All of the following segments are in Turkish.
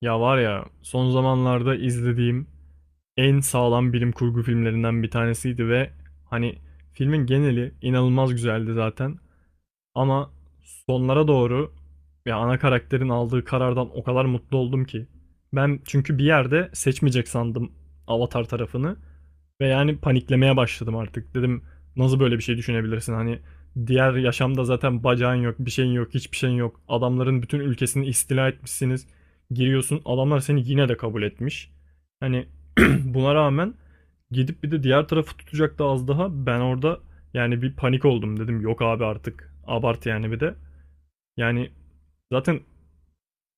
Ya var ya son zamanlarda izlediğim en sağlam bilim kurgu filmlerinden bir tanesiydi ve hani filmin geneli inanılmaz güzeldi zaten, ama sonlara doğru ya ana karakterin aldığı karardan o kadar mutlu oldum ki. Ben çünkü bir yerde seçmeyecek sandım Avatar tarafını ve yani paniklemeye başladım artık. Dedim nasıl böyle bir şey düşünebilirsin? Hani diğer yaşamda zaten bacağın yok, bir şeyin yok, hiçbir şeyin yok. Adamların bütün ülkesini istila etmişsiniz. Giriyorsun, adamlar seni yine de kabul etmiş. Hani buna rağmen gidip bir de diğer tarafı tutacaktı az daha. Ben orada yani bir panik oldum dedim. Yok abi, artık abart yani bir de. Yani zaten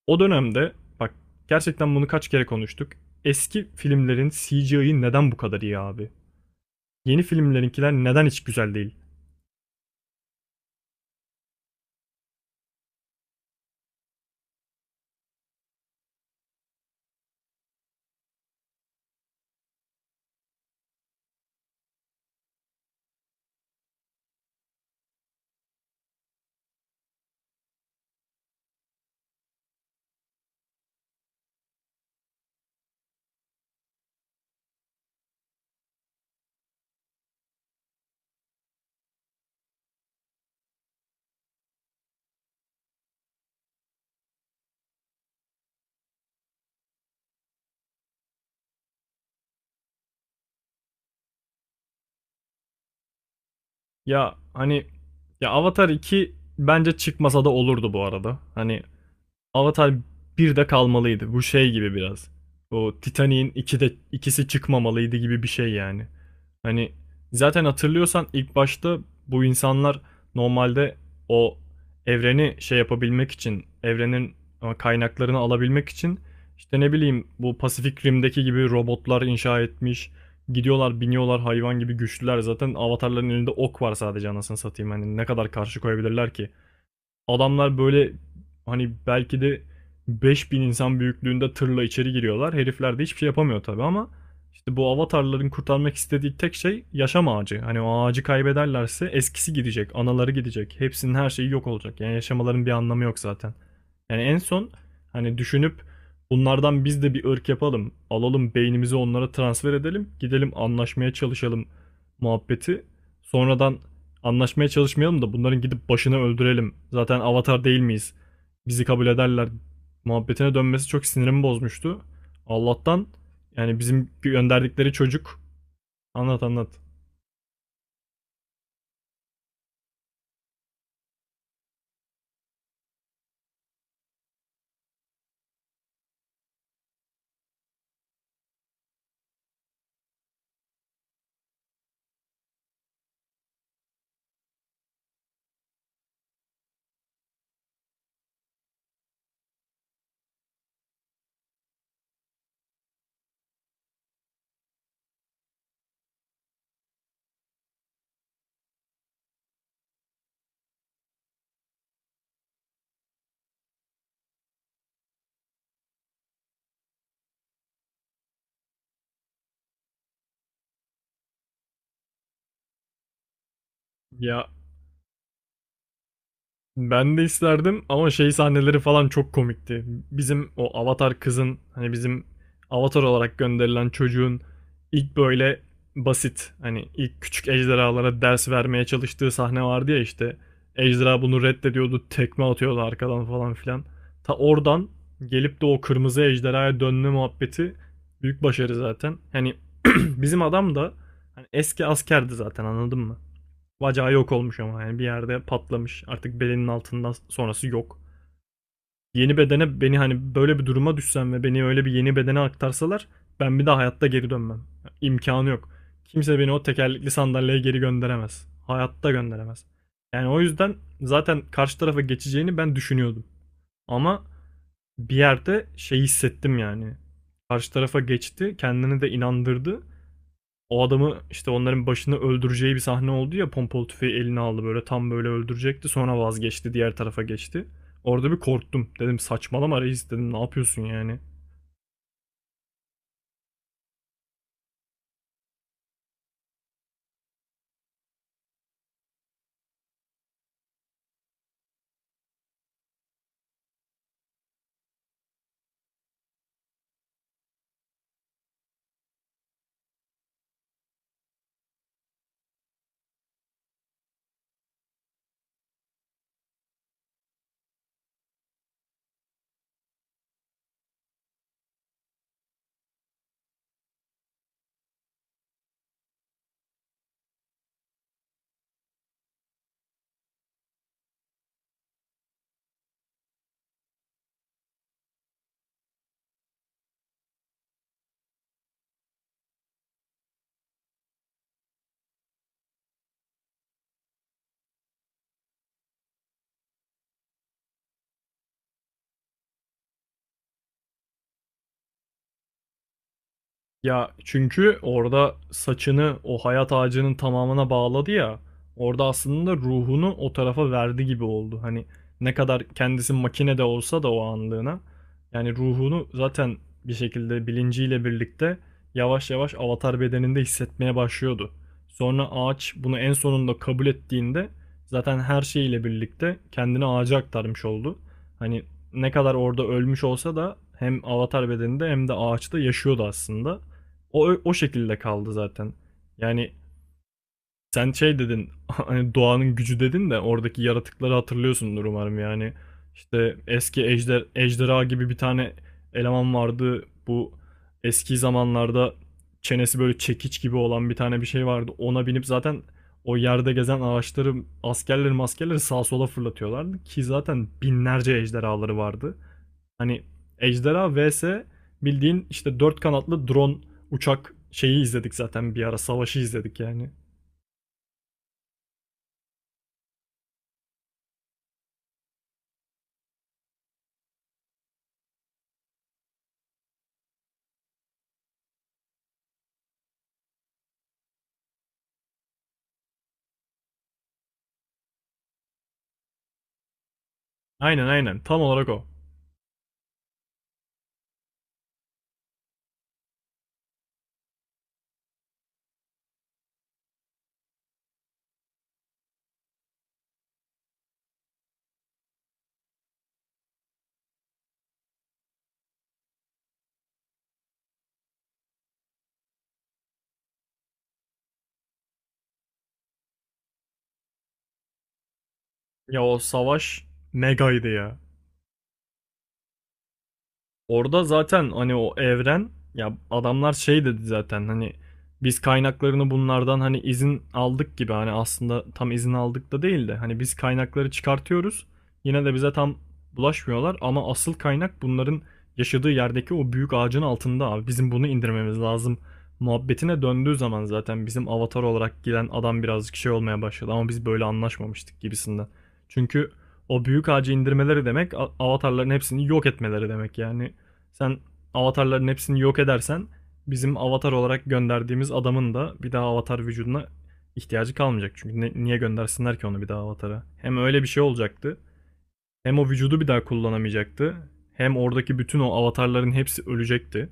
o dönemde bak gerçekten bunu kaç kere konuştuk. Eski filmlerin CGI'yi neden bu kadar iyi abi? Yeni filmlerinkiler neden hiç güzel değil? Ya hani ya Avatar iki bence çıkmasa da olurdu bu arada. Hani Avatar bir de kalmalıydı. Bu şey gibi biraz. O Titanic'in 2'de ikisi çıkmamalıydı gibi bir şey yani. Hani zaten hatırlıyorsan ilk başta bu insanlar normalde o evreni şey yapabilmek için, evrenin kaynaklarını alabilmek için işte ne bileyim bu Pasifik Rim'deki gibi robotlar inşa etmiş. Gidiyorlar, biniyorlar, hayvan gibi güçlüler. Zaten avatarların elinde ok var sadece, anasını satayım. Hani ne kadar karşı koyabilirler ki? Adamlar böyle hani belki de 5.000 insan büyüklüğünde tırla içeri giriyorlar. Herifler de hiçbir şey yapamıyor tabii, ama işte bu avatarların kurtarmak istediği tek şey yaşam ağacı. Hani o ağacı kaybederlerse eskisi gidecek, anaları gidecek. Hepsinin her şeyi yok olacak. Yani yaşamaların bir anlamı yok zaten. Yani en son hani düşünüp bunlardan biz de bir ırk yapalım. Alalım beynimizi onlara transfer edelim. Gidelim anlaşmaya çalışalım muhabbeti. Sonradan, anlaşmaya çalışmayalım da bunların gidip başını öldürelim. Zaten avatar değil miyiz? Bizi kabul ederler. Muhabbetine dönmesi çok sinirimi bozmuştu. Allah'tan yani bizim gönderdikleri çocuk. Anlat anlat. Ya, ben de isterdim ama şey sahneleri falan çok komikti. Bizim o Avatar kızın, hani bizim Avatar olarak gönderilen çocuğun ilk böyle basit hani ilk küçük ejderhalara ders vermeye çalıştığı sahne vardı ya işte. Ejderha bunu reddediyordu, tekme atıyordu arkadan falan filan. Ta oradan gelip de o kırmızı ejderhaya dönme muhabbeti büyük başarı zaten. Hani bizim adam da hani eski askerdi zaten, anladın mı? Bacağı yok olmuş ama yani bir yerde patlamış. Artık belinin altından sonrası yok. Yeni bedene, beni hani böyle bir duruma düşsem ve beni öyle bir yeni bedene aktarsalar ben bir daha hayatta geri dönmem. İmkanı yok. Kimse beni o tekerlekli sandalyeye geri gönderemez. Hayatta gönderemez. Yani o yüzden zaten karşı tarafa geçeceğini ben düşünüyordum. Ama bir yerde şey hissettim yani. Karşı tarafa geçti, kendini de inandırdı, o adamı işte onların başını öldüreceği bir sahne oldu ya, pompalı tüfeği eline aldı böyle tam böyle öldürecekti, sonra vazgeçti, diğer tarafa geçti. Orada bir korktum, dedim saçmalama reis, dedim ne yapıyorsun yani. Ya çünkü orada saçını o hayat ağacının tamamına bağladı ya. Orada aslında ruhunu o tarafa verdi gibi oldu. Hani ne kadar kendisi makine de olsa da o anlığına. Yani ruhunu zaten bir şekilde bilinciyle birlikte yavaş yavaş avatar bedeninde hissetmeye başlıyordu. Sonra ağaç bunu en sonunda kabul ettiğinde zaten her şeyiyle birlikte kendini ağaca aktarmış oldu. Hani ne kadar orada ölmüş olsa da hem avatar bedeninde hem de ağaçta yaşıyordu aslında. O şekilde kaldı zaten. Yani sen şey dedin, hani doğanın gücü dedin de oradaki yaratıkları hatırlıyorsundur umarım yani. İşte eski ejderha gibi bir tane eleman vardı. Bu eski zamanlarda çenesi böyle çekiç gibi olan bir tane bir şey vardı. Ona binip zaten o yerde gezen ağaçları, askerleri maskerleri sağa sola fırlatıyorlardı ki zaten binlerce ejderhaları vardı. Hani ejderha vs bildiğin işte dört kanatlı drone uçak şeyi izledik zaten, bir ara savaşı izledik yani. Aynen aynen, tam olarak o. Ya o savaş megaydı ya. Orada zaten hani o evren, ya adamlar şey dedi zaten, hani biz kaynaklarını bunlardan hani izin aldık gibi, hani aslında tam izin aldık da değil de, hani biz kaynakları çıkartıyoruz yine de bize tam bulaşmıyorlar, ama asıl kaynak bunların yaşadığı yerdeki o büyük ağacın altında, abi bizim bunu indirmemiz lazım muhabbetine döndüğü zaman zaten bizim avatar olarak gelen adam birazcık şey olmaya başladı, ama biz böyle anlaşmamıştık gibisinden. Çünkü o büyük ağacı indirmeleri demek avatarların hepsini yok etmeleri demek yani. Sen avatarların hepsini yok edersen bizim avatar olarak gönderdiğimiz adamın da bir daha avatar vücuduna ihtiyacı kalmayacak. Çünkü niye göndersinler ki onu bir daha avatara? Hem öyle bir şey olacaktı. Hem o vücudu bir daha kullanamayacaktı. Hem oradaki bütün o avatarların hepsi ölecekti.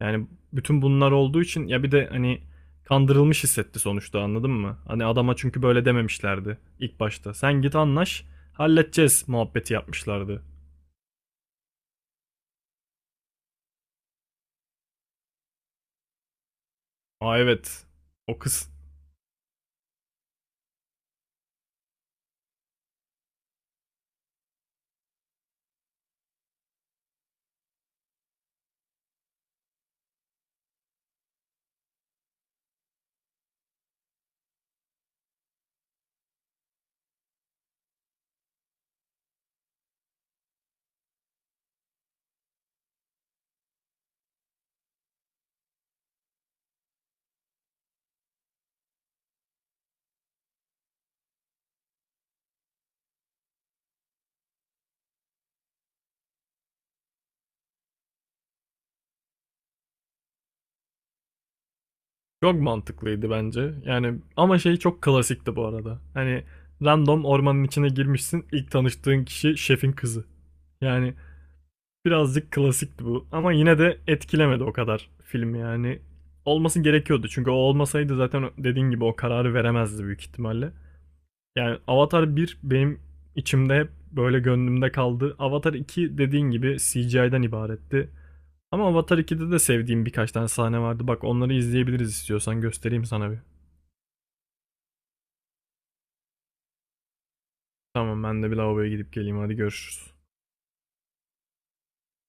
Yani bütün bunlar olduğu için, ya bir de hani kandırılmış hissetti sonuçta, anladın mı? Hani adama çünkü böyle dememişlerdi ilk başta. Sen git anlaş, halledeceğiz muhabbeti yapmışlardı. Aa evet, o kız. Çok mantıklıydı bence. Yani ama şey çok klasikti bu arada. Hani random ormanın içine girmişsin. İlk tanıştığın kişi şefin kızı. Yani birazcık klasikti bu, ama yine de etkilemedi o kadar film yani. Olması gerekiyordu çünkü o olmasaydı zaten dediğin gibi o kararı veremezdi büyük ihtimalle. Yani Avatar bir benim içimde hep böyle gönlümde kaldı. Avatar iki dediğin gibi CGI'den ibaretti. Ama Avatar iki'de de sevdiğim birkaç tane sahne vardı. Bak onları izleyebiliriz istiyorsan, göstereyim sana bir. Tamam, ben de bir lavaboya gidip geleyim, hadi görüşürüz.